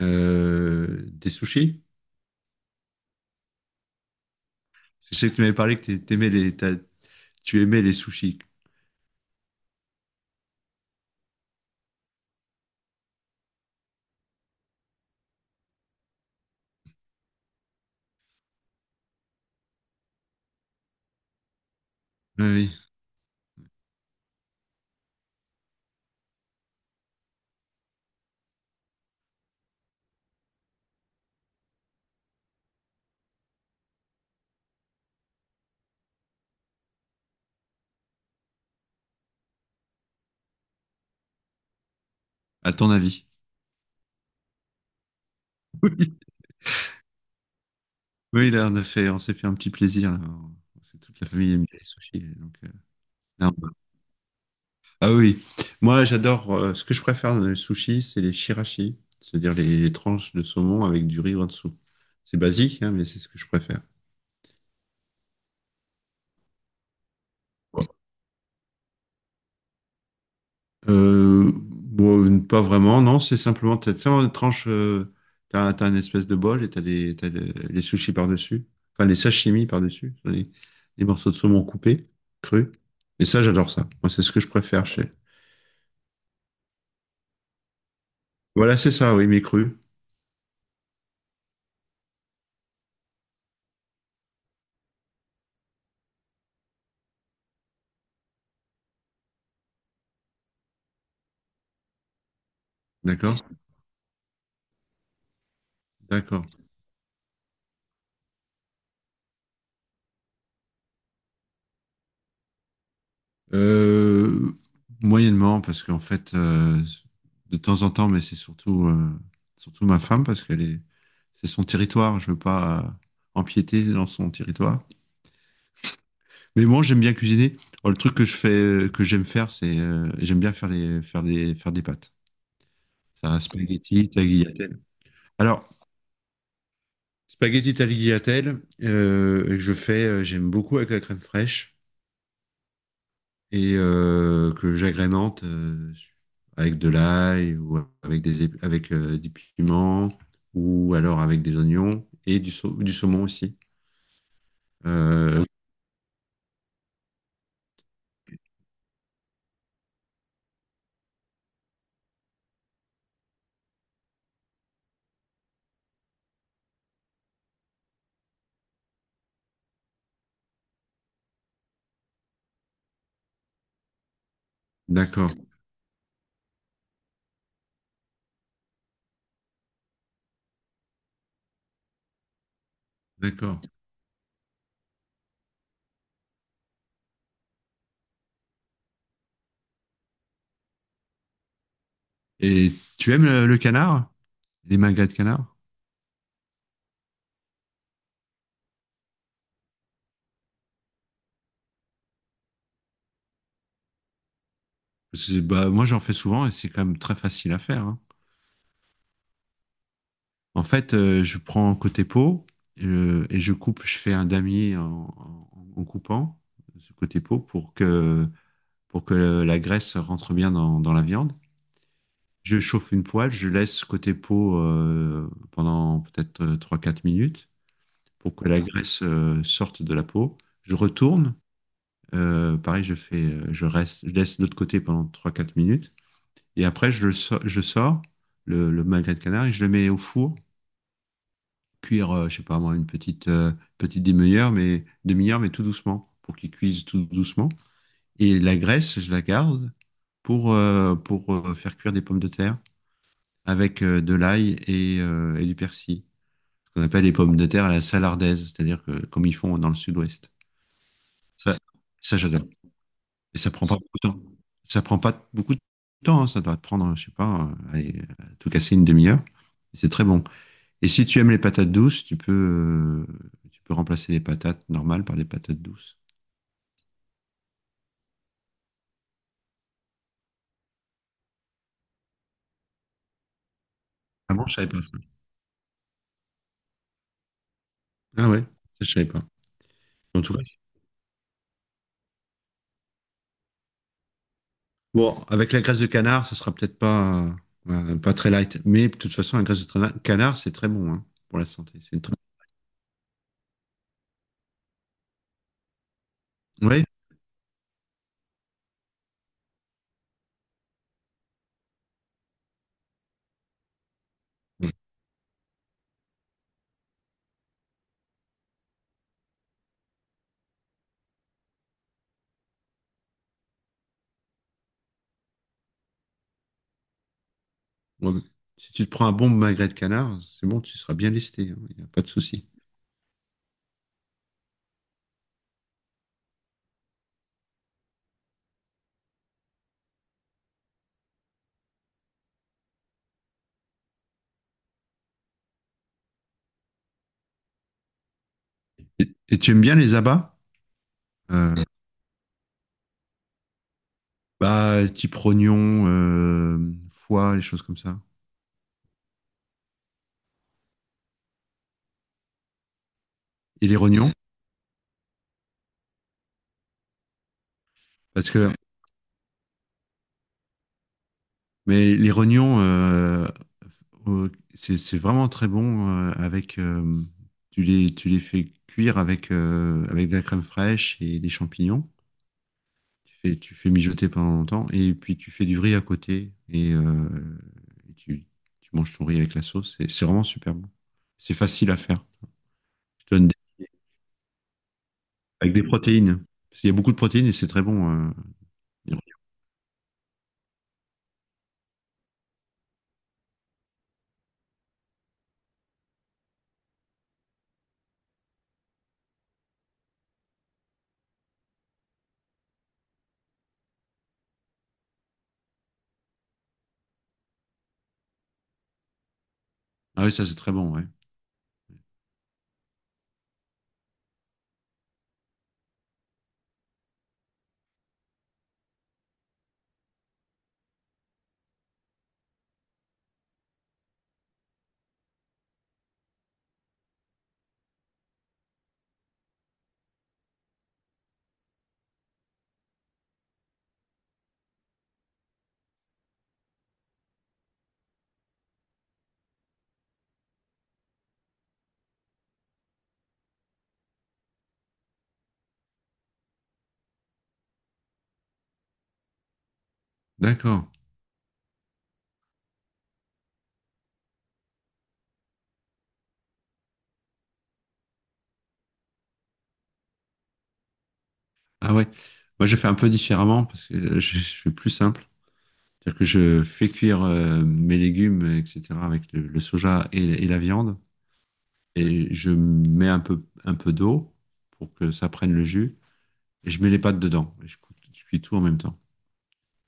Des sushis? Je sais que tu m'avais parlé que t'aimais tu aimais les sushis. Oui, oui. À ton avis. Oui, Oui, là, on a on s'est fait un petit plaisir là. C'est toute la famille aime les sushis, là, on va- Ah oui, moi, j'adore. Ce que je préfère dans les sushis, c'est les shirashi, c'est-à-dire les tranches de saumon avec du riz en dessous. C'est basique, hein, mais c'est ce que je préfère. Bon, pas vraiment, non, c'est simplement, ça en tranche. T'as une espèce de bol et t'as les sushis par-dessus, enfin les sashimi par-dessus, les morceaux de saumon coupés, crus. Et ça, j'adore ça. Moi, c'est ce que je préfère chez. Voilà, c'est ça, oui, mais cru. D'accord. D'accord. Euh, Moyennement, parce qu'en fait, de temps en temps, mais c'est surtout ma femme, parce qu'elle est, c'est son territoire, je veux pas, empiéter dans son territoire. Mais moi, j'aime bien cuisiner. Oh, le truc que je fais, que j'aime faire, c'est, j'aime bien faire faire des pâtes. Ça, spaghetti, tagliatelle. Alors, spaghetti tagliatelle, que je fais, j'aime beaucoup avec la crème fraîche, et que j'agrémente avec de l'ail ou avec avec des piments ou alors avec des oignons et du saumon aussi. Euh, d'accord, d'accord. Et tu aimes le canard? Les magrets de canard? Bah, moi, j'en fais souvent et c'est quand même très facile à faire, hein. En fait, je prends côté peau, et je coupe, je fais un damier en coupant ce côté peau pour que la graisse rentre bien dans la viande. Je chauffe une poêle, je laisse côté peau pendant peut-être 3-4 minutes pour que la graisse sorte de la peau. Je retourne, pareil, je fais, je reste, je laisse de l'autre côté pendant trois quatre minutes. Et après, je sors le magret de canard et je le mets au four, cuire, je sais pas moi, petite demi-heure, mais tout doucement, pour qu'il cuise tout doucement. Et la graisse, je la garde pour, faire cuire des pommes de terre avec de l'ail et et du persil. Ce qu'on appelle les pommes de terre à la salardaise, c'est-à-dire que, comme ils font dans le sud-ouest. Ça, ça j'adore. Et ça prend pas beaucoup de temps. Ça prend pas beaucoup de temps, hein. Ça doit te prendre, je sais pas, allez, à tout casser une demi-heure. Et c'est très bon. Et si tu aimes les patates douces, tu peux remplacer les patates normales par les patates douces. Ah bon, je savais pas ça. Ah ouais, ça, je savais pas. En tout cas, bon, avec la graisse de canard, ça sera peut-être pas, pas très light. Mais de toute façon, la graisse de canard, c'est très bon hein, pour la santé. C'est une très- Ouais. Ouais. Ouais. Bon, si tu te prends un bon magret de canard, c'est bon, tu seras bien lesté. Il n'y a pas de souci. Et tu aimes bien les abats? Euh, Bah, type rognon, foie, les choses comme ça. Et les rognons? Parce que mais les rognons, au- c'est vraiment très bon avec. Tu les fais cuire avec, avec de la crème fraîche et des champignons. Tu fais mijoter pendant longtemps et puis tu fais du riz à côté et tu manges ton riz avec la sauce. C'est vraiment super bon. C'est facile à faire. Je te donne des- Avec des protéines. Parce qu'il y a beaucoup de protéines et c'est très bon. Ah oui, ça c'est très bon, ouais. D'accord. Ah ouais. Moi, je fais un peu différemment parce que je fais plus simple. C'est-à-dire que je fais cuire mes légumes, etc., avec le soja et la viande. Et je mets un peu d'eau pour que ça prenne le jus. Et je mets les pâtes dedans. Et je cuis tout en même temps.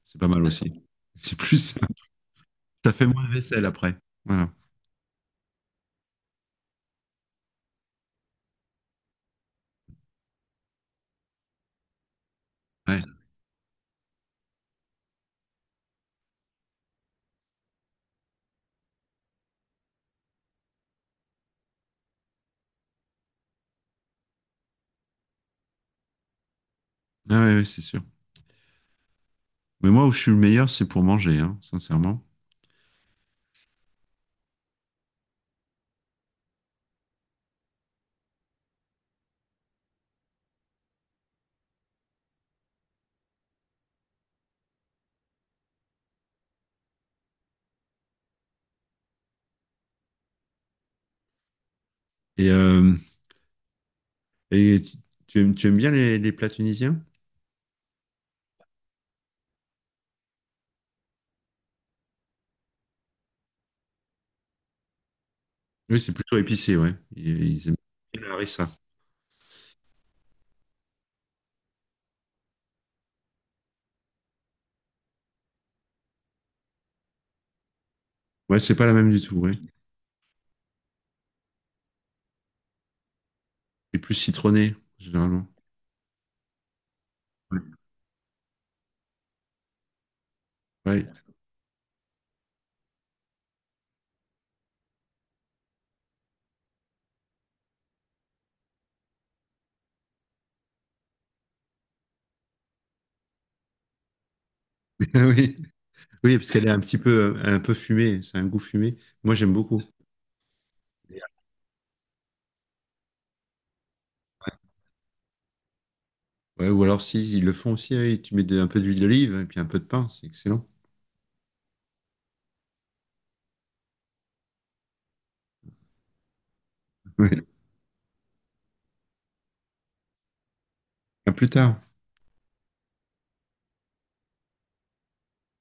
C'est pas mal aussi. C'est plus. Ça fait moins de vaisselle après. Voilà. Ouais. Ah ouais, ouais, c'est sûr. Mais moi, où je suis le meilleur, c'est pour manger, hein, sincèrement. Et, euh, et tu aimes bien les plats tunisiens? Oui, c'est plutôt épicé, ouais. Ils aiment bien la harissa. Ouais, c'est pas la même du tout, ouais. Suis plus citronné, généralement. Ouais. Oui. Oui, parce qu'elle est un petit peu, un peu fumée, c'est un goût fumé. Moi, j'aime beaucoup. Ouais, ou alors, si, ils le font aussi, oui, un peu d'huile d'olive et puis un peu de pain, c'est excellent. Ouais. À plus tard.